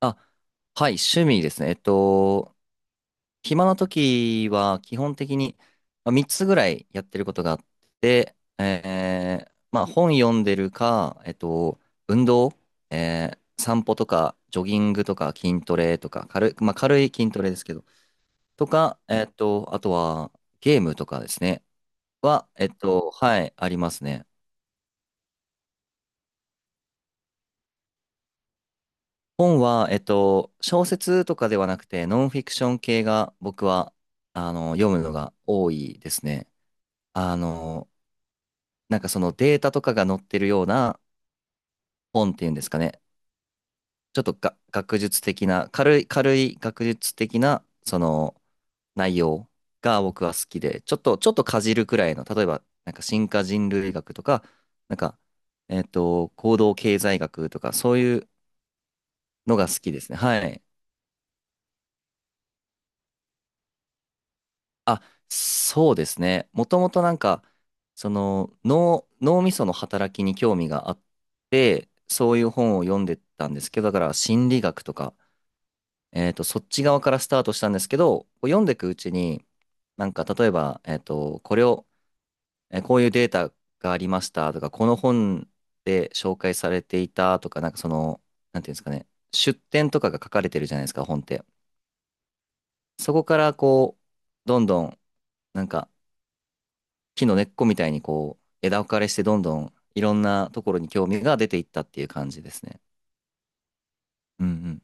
あ、はい、趣味ですね。暇な時は基本的にまあ3つぐらいやってることがあって、まあ本読んでるか、運動、散歩とか、ジョギングとか、筋トレとか、まあ軽い筋トレですけど、とか、あとはゲームとかですね、は、えっと、はい、ありますね。本は、小説とかではなくて、ノンフィクション系が僕は、読むのが多いですね。あの、なんかそのデータとかが載ってるような本っていうんですかね。ちょっとが学術的な、軽い学術的な、その内容が僕は好きで、ちょっとかじるくらいの、例えば、なんか進化人類学とか、なんか、行動経済学とか、そういうのが好きですね。はい。あ、そうですね。もともとなんか、その脳みその働きに興味があって、そういう本を読んでたんですけど、だから心理学とか、そっち側からスタートしたんですけど、こう読んでいくうちに、なんか例えば、えっと、これを、えーこういうデータがありましたとか、この本で紹介されていたとか、なんかその、なんていうんですかね、出典とかが書かれてるじゃないですか、本って。そこからこう、どんどん、なんか、木の根っこみたいにこう、枝分かれしてどんどんいろんなところに興味が出ていったっていう感じですね。うんうん。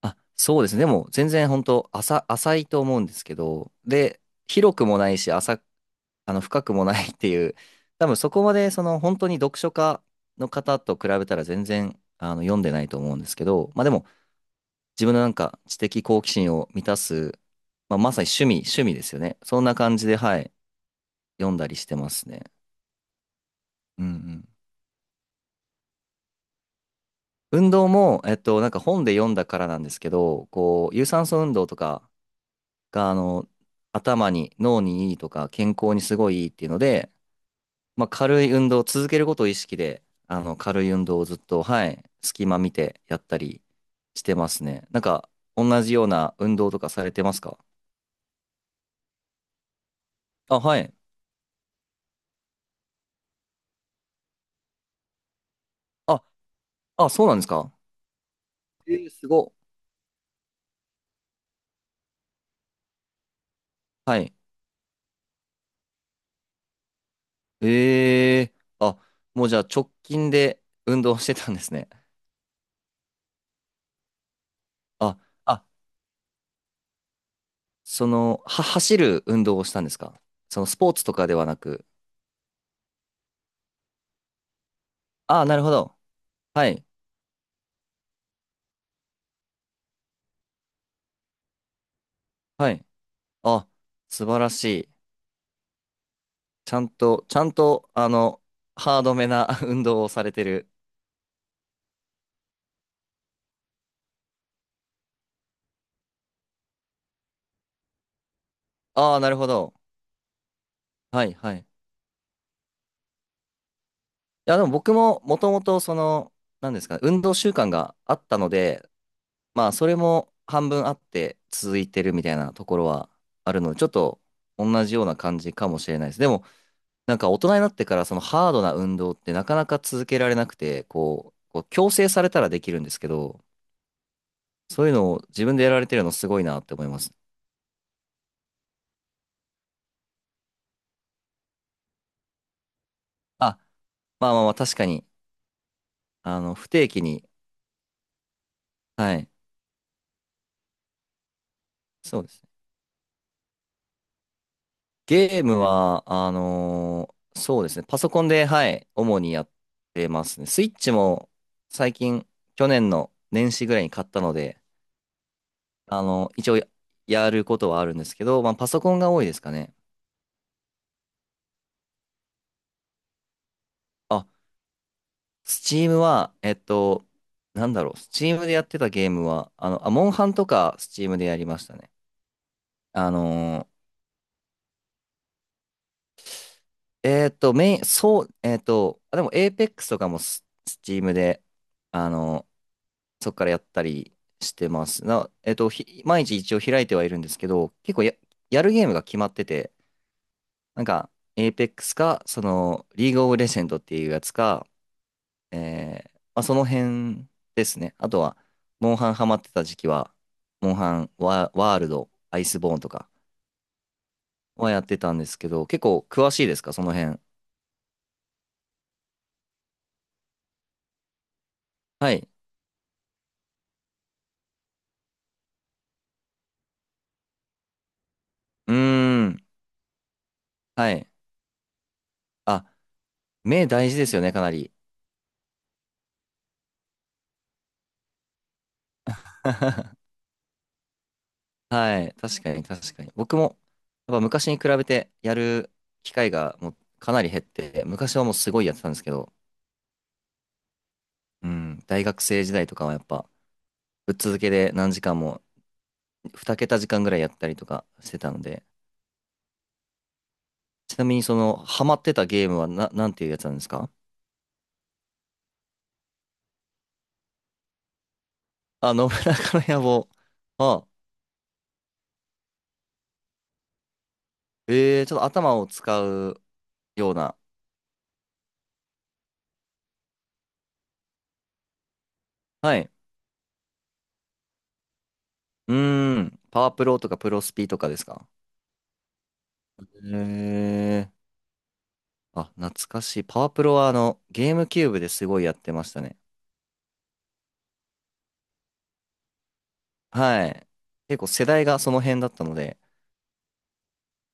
あ、そうですね。でも全然本当浅いと思うんですけど、で、広くもないし、浅、あの、深くもないっていう、多分そこまでその本当に読書家の方と比べたら全然読んでないと思うんですけど、まあでも自分のなんか知的好奇心を満たす、まあ、まさに趣味、趣味ですよね。そんな感じで、はい、読んだりしてますね。うんうん。運動も、なんか本で読んだからなんですけど、こう、有酸素運動とかが、頭に、脳にいいとか、健康にすごいいいっていうので、まあ、軽い運動、続けることを意識で、軽い運動をずっと、はい、隙間見てやったりしてますね。なんか、同じような運動とかされてますか？あ、はい。あ、あ、そうなんですか？えー、すごっ。はい。あ、もうじゃあ直近で運動してたんですね。ああ、その、走る運動をしたんですか？そのスポーツとかではなく。ああ、なるほど。はい。はい。あ、素晴らしい。ちゃんと、ハードめな 運動をされてる。ああ、なるほど。はい、はい。いや、でも僕ももともとその、なんですかね、運動習慣があったので、まあ、それも半分あって続いてるみたいなところはあるので、ちょっと同じような感じかもしれないです。でも、なんか大人になってからそのハードな運動ってなかなか続けられなくて、こう、こう強制されたらできるんですけど、そういうのを自分でやられてるのすごいなって思います。あ、まあまあまあ確かに、不定期に、はい、そうですね。ゲームは、そうですね、パソコンで、はい、主にやってますね。スイッチも最近、去年の年始ぐらいに買ったので、一応やることはあるんですけど、まあパソコンが多いですかね。あ、スチームは、なんだろう、スチームでやってたゲームは、あ、モンハンとかスチームでやりましたね。あのーメイン、そう、あ、でも、エーペックスとかもスチームで、あのーそっからやったりしてます。な、えっと、ひ、毎日一応開いてはいるんですけど、結構やるゲームが決まってて、なんか、エーペックスか、その、リーグオブレジェンドっていうやつか、まあ、その辺ですね。あとは、モンハンハマってた時期は、モンハンワールド、アイスボーンとかはやってたんですけど、結構詳しいですか？その辺。はい。うーん。はい。あ、目大事ですよね、かなり。はい。確かに、確かに。僕も、やっぱ昔に比べてやる機会がもうかなり減って、昔はもうすごいやってたんですけど、うん、大学生時代とかはやっぱ、ぶっ続けで何時間も、二桁時間ぐらいやったりとかしてたので、ちなみにその、ハマってたゲームはなんていうやつなんですか？あ、信長の野望。あ、ちょっと頭を使うような。はい。うーん。パワープロとかプロスピとかですか？えー。あ、懐かしい。パワープロはゲームキューブですごいやってましたね。はい。結構世代がその辺だったので、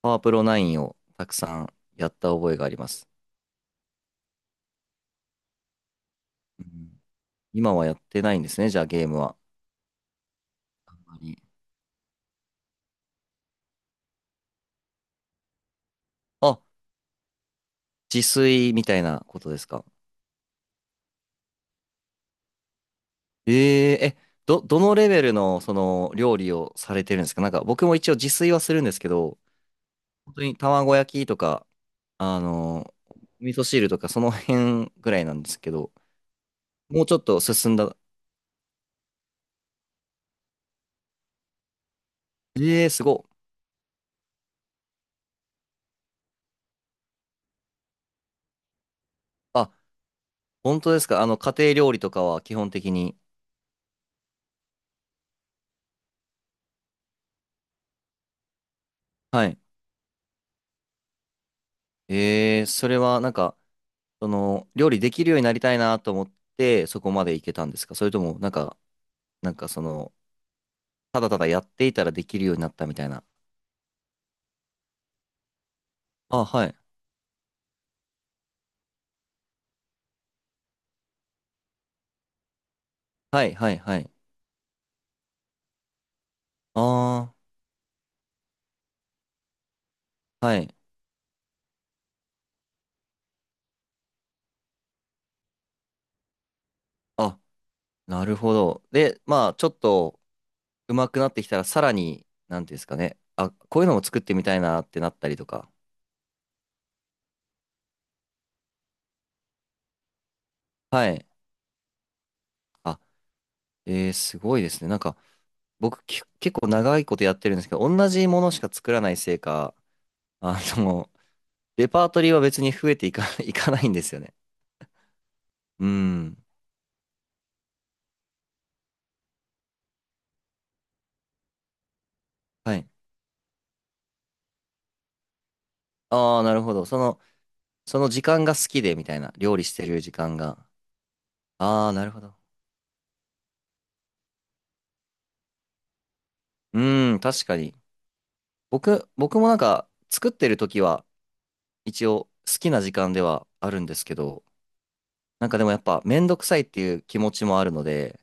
パワープロ9をたくさんやった覚えがあります。うん、今はやってないんですね、じゃあゲームは。あんまり。あ、自炊みたいなことですか？えええ、どのレベルのその料理をされてるんですか？なんか僕も一応自炊はするんですけど、本当に卵焼きとか、あの、味噌汁とかその辺ぐらいなんですけど、もうちょっと進んだ。ええ、すごっ。あ、本当ですか？家庭料理とかは基本的に。はい。ええ、それはなんか、その、料理できるようになりたいなと思って、そこまでいけたんですか？それとも、なんかその、ただただやっていたらできるようになったみたいな。あ、はい。はい、はい、はい。ああ、はい。あ、なるほど。で、まあ、ちょっと上手くなってきたら、さらに、なんていうんですかね。あ、こういうのも作ってみたいなってなったりとか。はい。あ、えー、すごいですね。なんか、僕、結構長いことやってるんですけど、同じものしか作らないせいか、あの、レパートリーは別に増えていか、いかないんですよね。うん。はい。ああ、なるほど。その時間が好きで、みたいな。料理してる時間が。ああ、なるほど。うん、確かに。僕もなんか作ってる時は一応好きな時間ではあるんですけど、なんかでもやっぱめんどくさいっていう気持ちもあるので、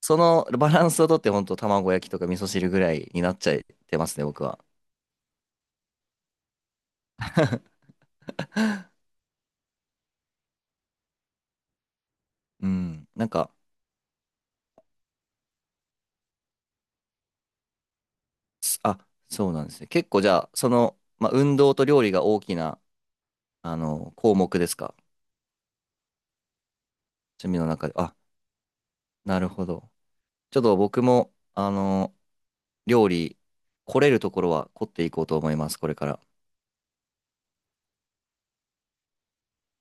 そのバランスをとってほんと卵焼きとか味噌汁ぐらいになっちゃってますね、僕は。うん。なんか、そうなんですね。結構じゃあ、その、まあ、運動と料理が大きな、項目ですか？趣味の中で。あ、なるほど。ちょっと僕も、料理、来れるところは凝っていこうと思います、これから。